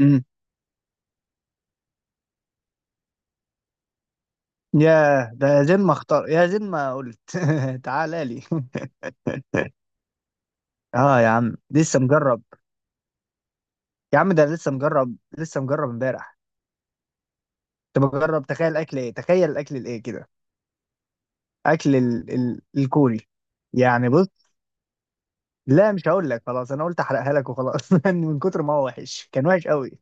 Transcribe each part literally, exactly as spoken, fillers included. امم ياه، ده زين ما اختار يا زين ما قلت. تعالى لي. اه يا عم لسه مجرب. يا عم ده لسه مجرب، لسه مجرب امبارح. كنت بجرب، تخيل اكل ايه تخيل الاكل الايه كده، اكل ال... ال... الكوري يعني. بص، لا مش هقول لك، خلاص انا قلت احرقها لك وخلاص. من كتر ما هو وحش، كان وحش قوي.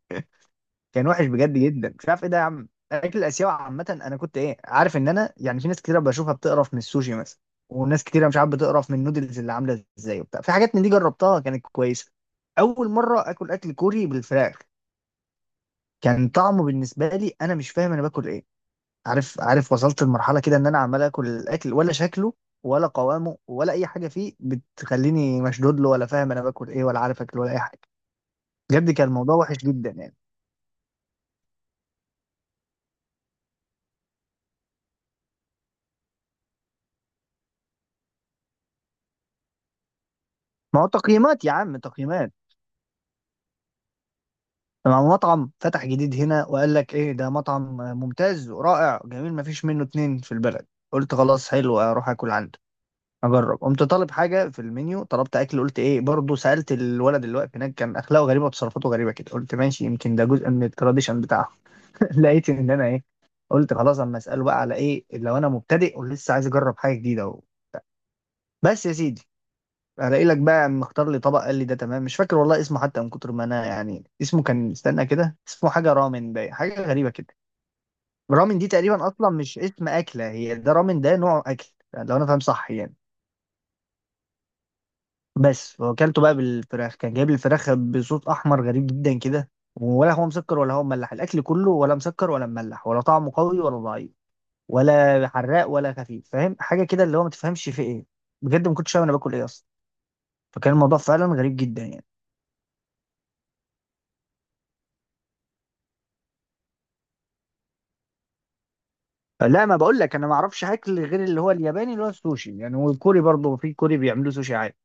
كان وحش بجد جدا. مش عارف ايه ده يا عم، الاكل الاسيوي عامه، انا كنت ايه عارف ان انا يعني في ناس كتيره بشوفها بتقرف من السوشي مثلا، وناس كتيره مش عارف بتقرف من النودلز اللي عامله ازاي وبتاع، في حاجات من دي جربتها كانت كويسه. اول مره اكل اكل كوري بالفراخ كان طعمه بالنسبه لي، انا مش فاهم انا باكل ايه. عارف عارف وصلت لمرحله كده ان انا عمال اكل الاكل، ولا شكله ولا قوامه ولا اي حاجه فيه بتخليني مشدود له، ولا فاهم انا باكل ايه، ولا عارف اكل ولا اي حاجه. بجد كان الموضوع وحش جدا يعني. ما هو تقييمات يا عم، تقييمات. مع مطعم فتح جديد هنا، وقال لك ايه، ده مطعم ممتاز ورائع جميل ما فيش منه اتنين في البلد. قلت خلاص حلو اروح اكل عنده، اجرب. قمت طالب حاجه في المنيو، طلبت اكل قلت ايه برضه، سالت الولد اللي واقف هناك، كان اخلاقه غريبه وتصرفاته غريبه كده، قلت ماشي يمكن ده جزء من التراديشن بتاعهم. لقيت ان انا ايه، قلت خلاص اما اساله بقى على ايه، لو انا مبتدئ ولسه عايز اجرب حاجه جديده اهو. بس يا سيدي، هلاقي لك بقى مختار لي طبق، قال لي ده تمام. مش فاكر والله اسمه حتى، من كتر ما انا يعني، اسمه كان استنى كده، اسمه حاجه رامن باين، حاجه غريبه كده. رامن دي تقريبا اصلا مش اسم اكله هي، ده رامن ده نوع اكل لو انا فاهم صح يعني. بس وكلته بقى بالفراخ، كان جايب لي الفراخ بصوت احمر غريب جدا كده، ولا هو مسكر ولا هو مملح، الاكل كله ولا مسكر ولا مملح ولا طعمه قوي ولا ضعيف ولا حراق ولا خفيف، فاهم حاجه كده اللي هو ما تفهمش في ايه. بجد ما كنتش فاهم انا باكل ايه اصلا. فكان الموضوع فعلا غريب جدا يعني. لا، ما بقول لك انا ما اعرفش اكل غير اللي هو الياباني، اللي هو السوشي يعني، والكوري برضه، في كوري بيعملوا سوشي عادي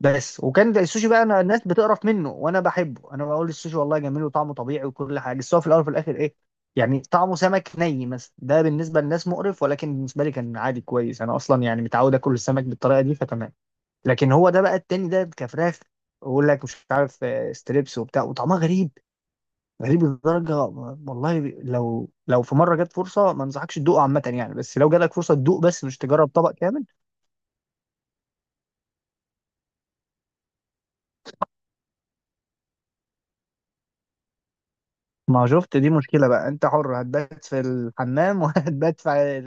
بس، وكان ده السوشي بقى انا، الناس بتقرف منه وانا بحبه، انا بقول السوشي والله جميل وطعمه طبيعي وكل حاجه، بس هو في الاول وفي الاخر ايه. يعني طعمه سمك ني مثلا، ده بالنسبه للناس مقرف، ولكن بالنسبه لي كان عادي كويس، انا اصلا يعني متعود اكل السمك بالطريقه دي فتمام. لكن هو ده بقى التاني ده كفراخ، ويقول لك مش عارف، آه، ستريبس وبتاع، وطعمها غريب. غريب لدرجة، والله لو لو في مرة جت فرصة، ما انصحكش تدوقه عامة يعني، بس لو جالك فرصة تدوق، بس مش تجرب طبق كامل. ما شفت، دي مشكلة بقى، انت حر، هتبات في الحمام، وهتبات في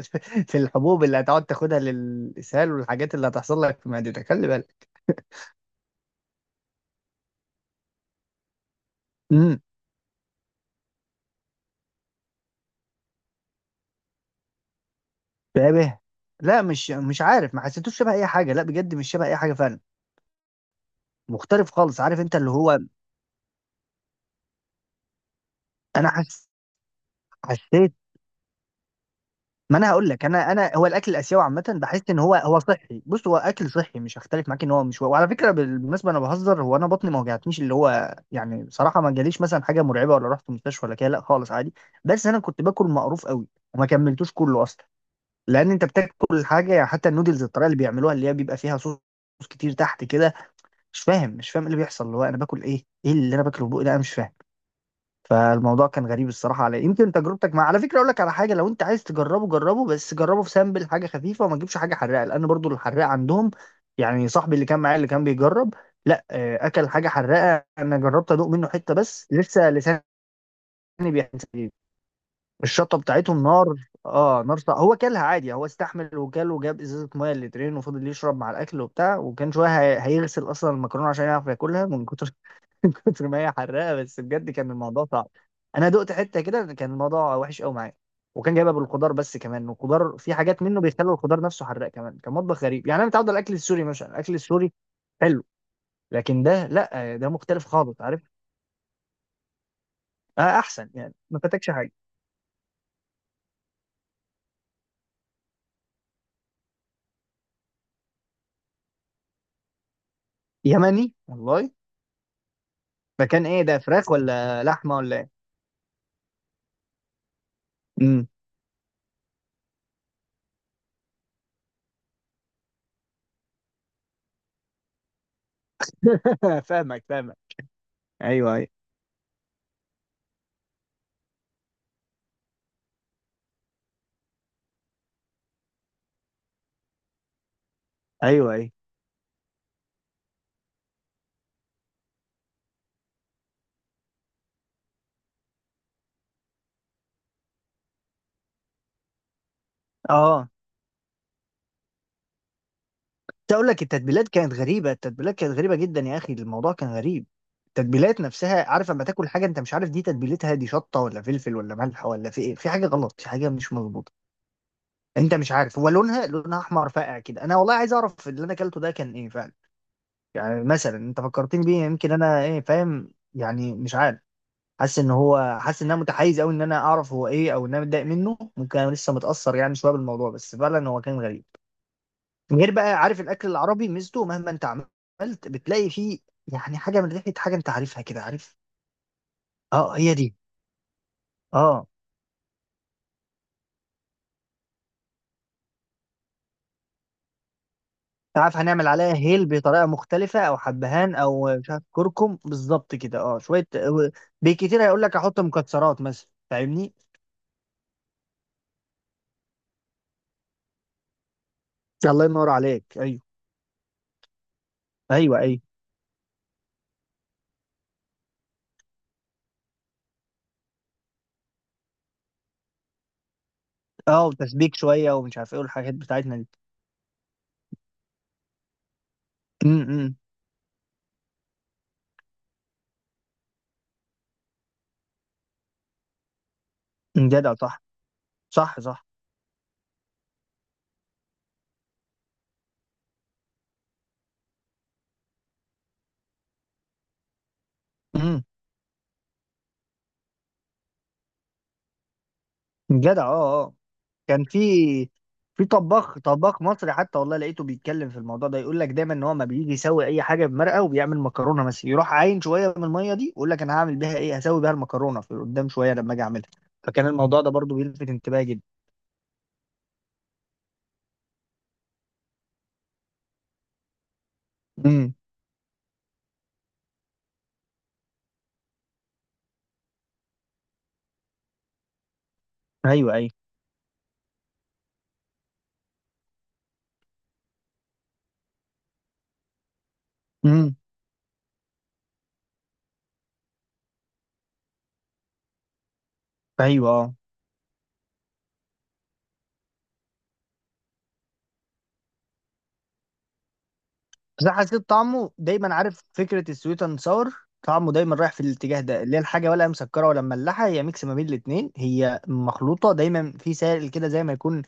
في الحبوب اللي هتقعد تاخدها للإسهال، والحاجات اللي هتحصل لك في معدتك، خلي بالك. امم شبه، لا، مش مش عارف، ما حسيتوش شبه اي حاجة، لا بجد مش شبه اي حاجة فعلا. مختلف خالص، عارف انت اللي هو، انا حس حسيت. ما انا هقول لك، انا انا هو الاكل الاسيوي عامه، بحس ان هو هو صحي، بص هو اكل صحي، مش هختلف معاك ان هو، مش، وعلى فكره بالمناسبه انا بهزر، هو انا بطني ما وجعتنيش، اللي هو يعني بصراحه ما جاليش مثلا حاجه مرعبه، ولا رحت مستشفى ولا كده، لا خالص عادي. بس انا كنت باكل مقروف قوي، وما كملتوش كله اصلا، لان انت بتاكل حاجه يعني حتى النودلز، الطريقه اللي بيعملوها، اللي هي بيبقى فيها صوص كتير تحت كده، مش فاهم مش فاهم إيه اللي بيحصل، اللي هو انا باكل ايه، ايه اللي انا باكله بقى ده، انا مش فاهم. فالموضوع كان غريب الصراحه، على يمكن تجربتك، مع على فكره اقول لك على حاجه، لو انت عايز تجربه جربه، بس جربه في سامبل، حاجه خفيفه، وما تجيبش حاجه حراقه، لان برضو الحراقه عندهم يعني، صاحبي اللي كان معايا اللي كان بيجرب، لا، آه، اكل حاجه حراقه، انا جربت ادوق منه حته، بس لسه لساني بيحتاج. الشطه بتاعتهم نار. اه نار، صع- هو كلها عادي، هو استحمل وكل، وجاب ازازه ميه لترين، وفضل يشرب مع الاكل وبتاع، وكان شويه هي- هيغسل اصلا المكرونه عشان يعرف ياكلها، من كتر من كتر ما هي حراقه، بس بجد كان الموضوع صعب. انا دقت حته كده، كان الموضوع وحش قوي معايا. وكان جايبها بالخضار بس كمان، والخضار في حاجات منه بيخلوا الخضار نفسه حراق كمان. كان مطبخ غريب يعني، انا متعود على الاكل السوري مثلا، الاكل السوري حلو، لكن ده لا، ده مختلف خالص عارف. آه، احسن يعني ما فاتكش حاجه. يمني والله. فكان ايه ده، فراخ ولا لحمه ولا ايه؟ امم. فاهمك فاهمك. ايوه ايوه. ايوه ايوه. اه، كنت اقول لك التتبيلات كانت غريبه، التتبيلات كانت غريبه جدا يا اخي، الموضوع كان غريب. التتبيلات نفسها، عارف لما تاكل حاجه انت مش عارف دي تتبيلتها، دي شطه ولا فلفل ولا ملح ولا في ايه، في حاجه غلط، في حاجه مش مظبوطه، انت مش عارف، هو لونها، لونها احمر فاقع كده، انا والله عايز اعرف اللي انا اكلته ده كان ايه فعلا. يعني مثلا انت فكرتني بيه، يمكن انا ايه فاهم يعني مش عارف، حاسس ان هو، حاسس ان انا متحيز قوي، ان انا اعرف هو ايه، او ان انا متضايق منه، ممكن انا لسه متاثر يعني شويه بالموضوع، بس فعلا هو كان غريب. غير بقى عارف، الاكل العربي ميزته مهما انت عملت، بتلاقي فيه يعني حاجه من ريحه، حاجه انت عارفها كده، عارف. اه، هي دي. اه عارف، هنعمل عليها هيل بطريقه مختلفه، او حبهان، او مش عارف كركم بالظبط كده، اه شويه بكتير، هيقول لك احط مكسرات مثلا، فاهمني. الله ينور عليك. ايوه ايوه. ايوه، اه، وتسبيك شويه ومش عارف ايه، والحاجات بتاعتنا دي. امم. إمم. جدع صح. صح صح. امم. جدع، اه اه. كان في في طباخ طباخ مصري حتى، والله لقيته بيتكلم في الموضوع ده، يقول لك دايما ان هو ما بيجي يسوي اي حاجه بمرقه، وبيعمل مكرونه مثلا، يروح عاين شويه من الميه دي، ويقول لك انا هعمل بيها ايه، هسوي بيها المكرونه في قدام شويه لما اجي اعملها. فكان الموضوع ده برضو بيلفت انتباهي جدا. امم. ايوه ايوه. امم. ايوه. اه، بس أنا حسيت طعمه دايما، عارف فكره السويت اند ساور، طعمه دايما رايح في الاتجاه ده، اللي هي الحاجه ولا مسكره ولا مملحه، هي ميكس ما بين الاثنين، هي مخلوطه دايما في سائل كده زي ما يكون،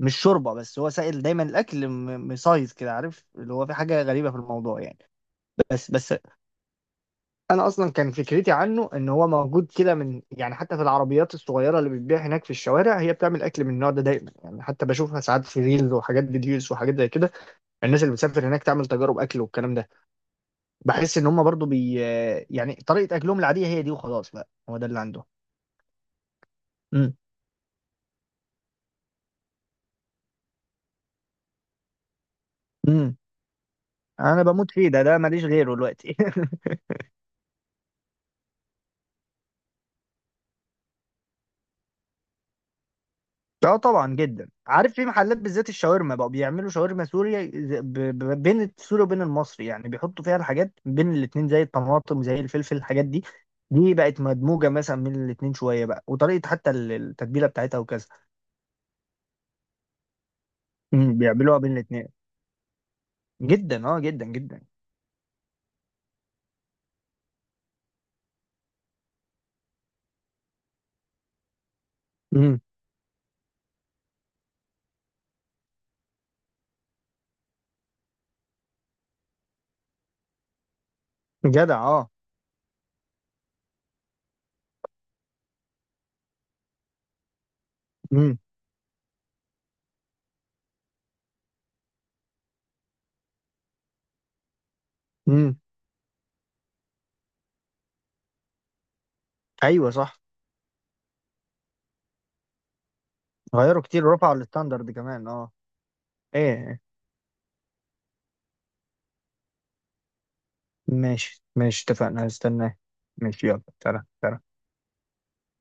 مش شوربه بس هو سائل دايما، الاكل م- مسايز كده، عارف اللي هو في حاجه غريبه في الموضوع يعني. بس بس. انا اصلا كان فكرتي عنه ان هو موجود كده من يعني، حتى في العربيات الصغيره اللي بتبيع هناك في الشوارع، هي بتعمل اكل من النوع ده دايما يعني، حتى بشوفها ساعات في ريلز وحاجات فيديوز وحاجات زي كده، الناس اللي بتسافر هناك تعمل تجارب اكل والكلام ده. بحس ان هم برضو بي يعني طريقه اكلهم العاديه هي دي وخلاص بقى، هو ده اللي عنده. امم. امم. انا بموت فيه ده، ده ماليش غيره دلوقتي. اه طبعا جدا، عارف في محلات بالذات الشاورما بقوا بيعملوا شاورما سوريا، ز- ب- ب- بين السوري وبين المصري يعني، بيحطوا فيها الحاجات بين الاتنين، زي الطماطم زي الفلفل، الحاجات دي دي بقت مدموجة مثلا بين الاتنين شوية بقى، وطريقة حتى ال- التتبيلة بتاعتها وكذا. امم، بيعملوها بين الاتنين. جدا، اه جدا جدا. امم. جدع، اه. امم. امم. ايوه صح. غيروا كتير، رفعوا الستاندرد كمان، اه. ايه إيه. ماشي ماشي، اتفقنا، هستناه. ماشي يلا، سلام سلام.